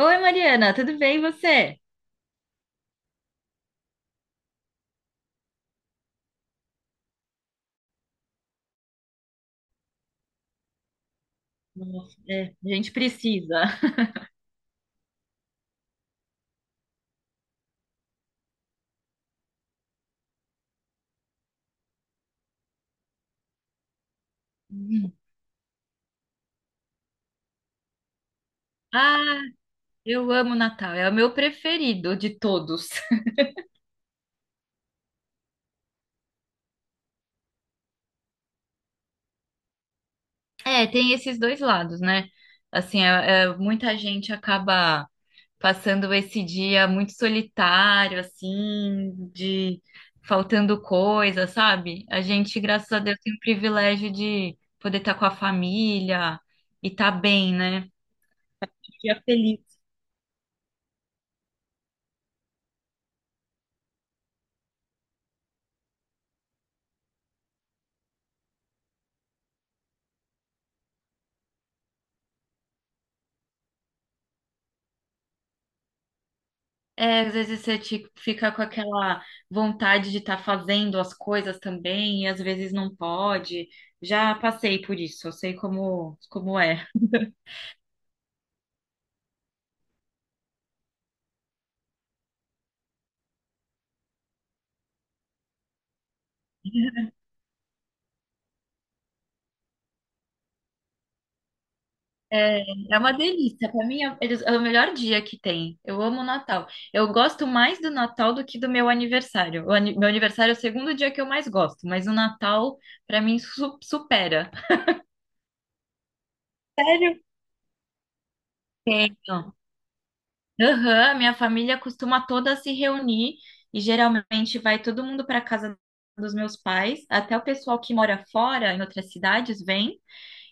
Oi, Mariana, tudo bem e você? Nossa, é, a gente precisa. Ah, eu amo Natal, é o meu preferido de todos. É, tem esses dois lados, né? Assim, muita gente acaba passando esse dia muito solitário, assim, de faltando coisa, sabe? A gente, graças a Deus, tem o privilégio de poder estar com a família e estar bem, né? Dia feliz. É, às vezes você fica com aquela vontade de estar fazendo as coisas também, e às vezes não pode. Já passei por isso, eu sei como, como é. É, é uma delícia. Para mim é, é o melhor dia que tem. Eu amo o Natal. Eu gosto mais do Natal do que do meu aniversário. Meu aniversário é o segundo dia que eu mais gosto, mas o Natal, para mim, supera. Sério? Tenho. Aham, minha família costuma toda se reunir e geralmente vai todo mundo para casa dos meus pais, até o pessoal que mora fora, em outras cidades, vem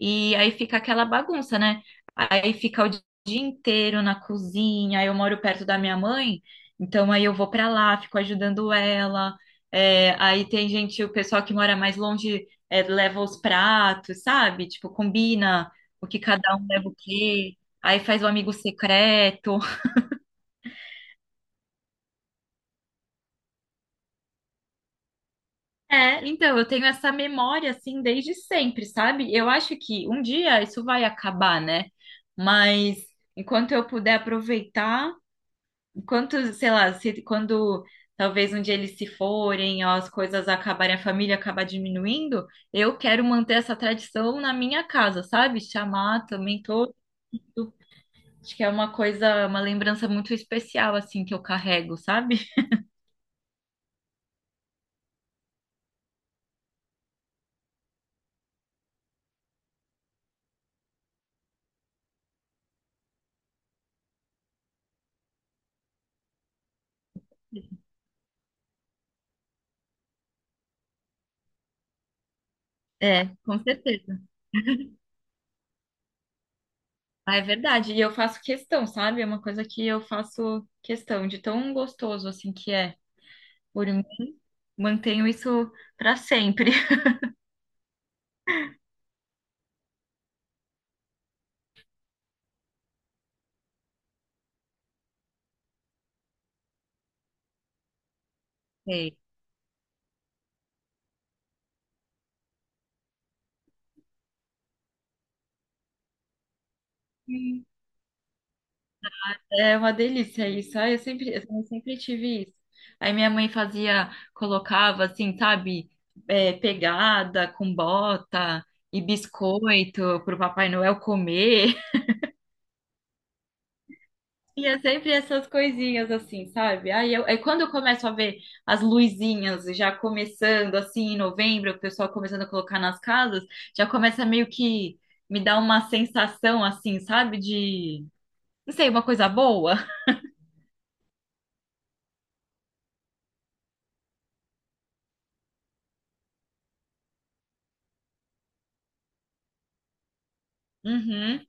e aí fica aquela bagunça, né? Aí fica o dia inteiro na cozinha. Eu moro perto da minha mãe, então aí eu vou para lá, fico ajudando ela. É, aí tem gente, o pessoal que mora mais longe, é, leva os pratos, sabe? Tipo, combina o que cada um leva o quê. Aí faz o amigo secreto. É, então, eu tenho essa memória assim desde sempre, sabe? Eu acho que um dia isso vai acabar, né? Mas enquanto eu puder aproveitar, enquanto, sei lá, se, quando talvez um dia eles se forem, ou as coisas acabarem, a família acabar diminuindo, eu quero manter essa tradição na minha casa, sabe? Chamar também todo. Acho que é uma coisa, uma lembrança muito especial, assim, que eu carrego, sabe? É, com certeza. Ah, é verdade. E eu faço questão, sabe? É uma coisa que eu faço questão de tão gostoso assim que é. Por mim, mantenho isso para sempre. Sei. Hum. É uma delícia isso. Ah, eu sempre, eu também sempre tive isso. Aí minha mãe fazia, colocava assim, sabe, é, pegada com bota e biscoito pro Papai Noel comer. E é sempre essas coisinhas assim, sabe? Aí eu, é quando eu começo a ver as luzinhas já começando assim em novembro, o pessoal começando a colocar nas casas, já começa meio que me dar uma sensação assim, sabe? De, não sei, uma coisa boa. Uhum.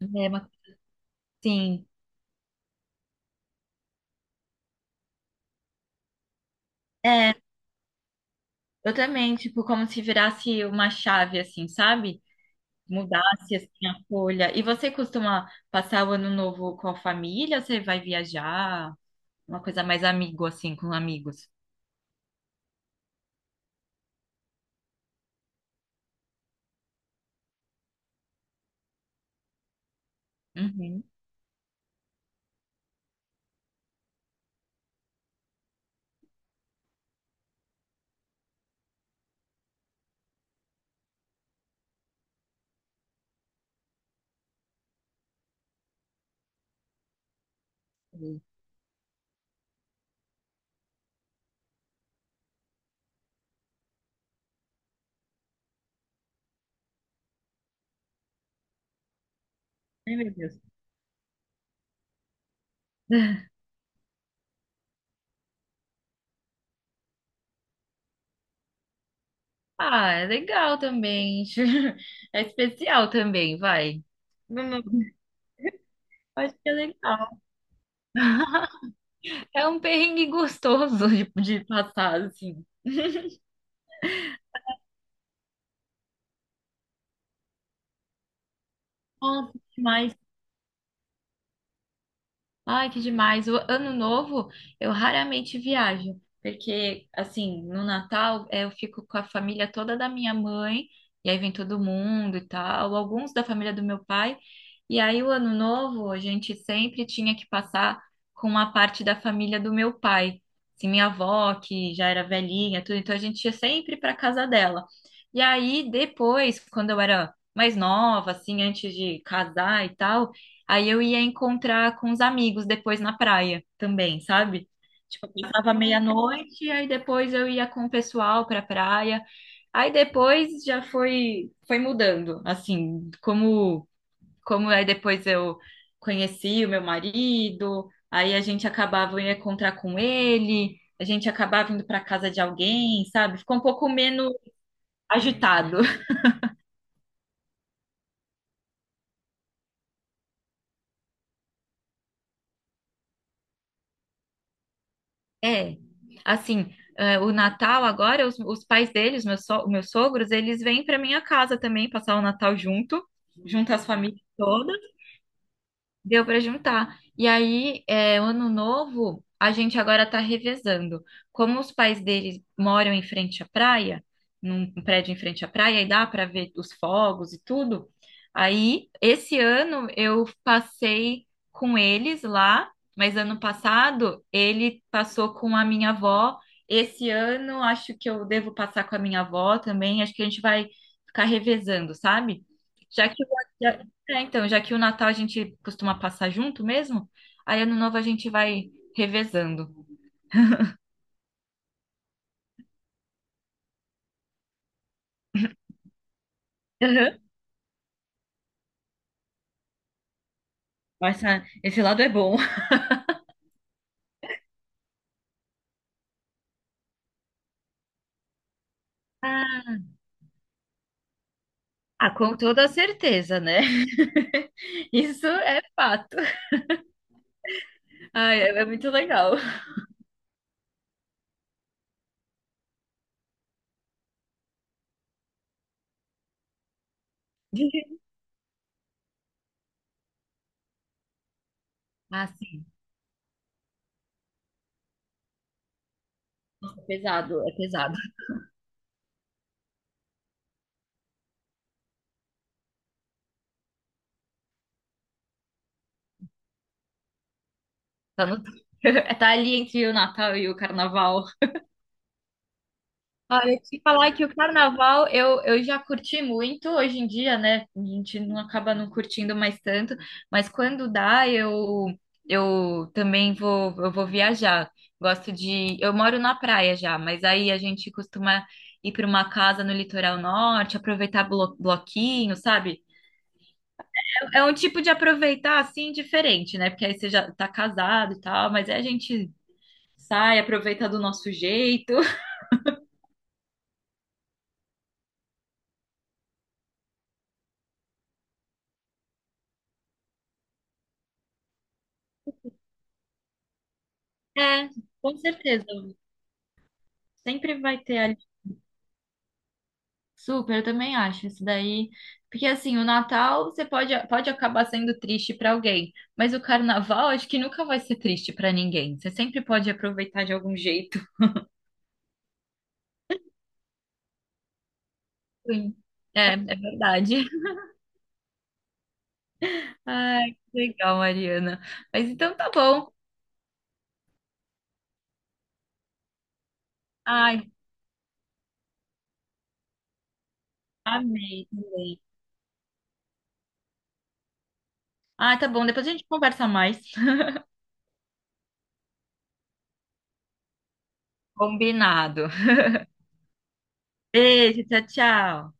É, mas, sim. É, eu também, tipo, como se virasse uma chave assim, sabe? Mudasse assim a folha. E você costuma passar o ano novo com a família? Ou você vai viajar? Uma coisa mais amigo assim, com amigos? Uhum. Sim. Ai, meu Deus. Ah, é legal também. É especial também, vai. Vamos- Acho que é legal. É um perrengue gostoso de passar, assim. Nossa, demais. Ai, que demais. O ano novo eu raramente viajo, porque assim, no Natal eh, eu fico com a família toda da minha mãe, e aí vem todo mundo e tal, alguns da família do meu pai. E aí o ano novo a gente sempre tinha que passar com uma parte da família do meu pai. Assim, minha avó, que já era velhinha, tudo, então a gente ia sempre para casa dela. E aí depois, quando eu era mais nova, assim, antes de casar e tal, aí eu ia encontrar com os amigos depois na praia também, sabe? Tipo, eu passava meia-noite, aí depois eu ia com o pessoal pra praia. Aí depois já foi mudando, assim, como aí depois eu conheci o meu marido, aí a gente acabava eu ia encontrar com ele, a gente acabava indo pra casa de alguém, sabe? Ficou um pouco menos agitado. É, assim, eh, o Natal agora, os pais deles, meus, meus sogros, eles vêm para minha casa também passar o Natal junto, junto às famílias todas. Deu para juntar. E aí, é, o ano novo, a gente agora está revezando. Como os pais deles moram em frente à praia, num prédio em frente à praia, e dá para ver os fogos e tudo. Aí, esse ano eu passei com eles lá, mas ano passado ele passou com a minha avó. Esse ano acho que eu devo passar com a minha avó também. Acho que a gente vai ficar revezando, sabe? Já que é, então, já que o Natal a gente costuma passar junto mesmo, aí ano novo a gente vai revezando. Aham. Esse lado é bom. Ah, com toda certeza, né? Isso é fato. Ai, é, é muito legal. Ah, sim, é pesado, é pesado. Tá no... Tá ali entre o Natal e o Carnaval. Olha, te falar que o carnaval eu já curti muito hoje em dia, né? A gente não acaba não curtindo mais tanto, mas quando dá, eu também vou viajar. Gosto de, eu moro na praia já, mas aí a gente costuma ir para uma casa no litoral norte, aproveitar bloquinho, sabe? É, é um tipo de aproveitar assim diferente, né? Porque aí você já tá casado e tal, mas aí a gente sai, aproveita do nosso jeito. É, com certeza. Sempre vai ter super, eu também acho isso daí. Porque assim, o Natal você pode, pode acabar sendo triste para alguém, mas o Carnaval acho que nunca vai ser triste para ninguém. Você sempre pode aproveitar de algum jeito. Sim. É, é verdade. Ai, que legal, Mariana. Mas então tá bom. Ai, amei também. Ah, tá bom. Depois a gente conversa mais. Combinado. Beijo, tchau, tchau.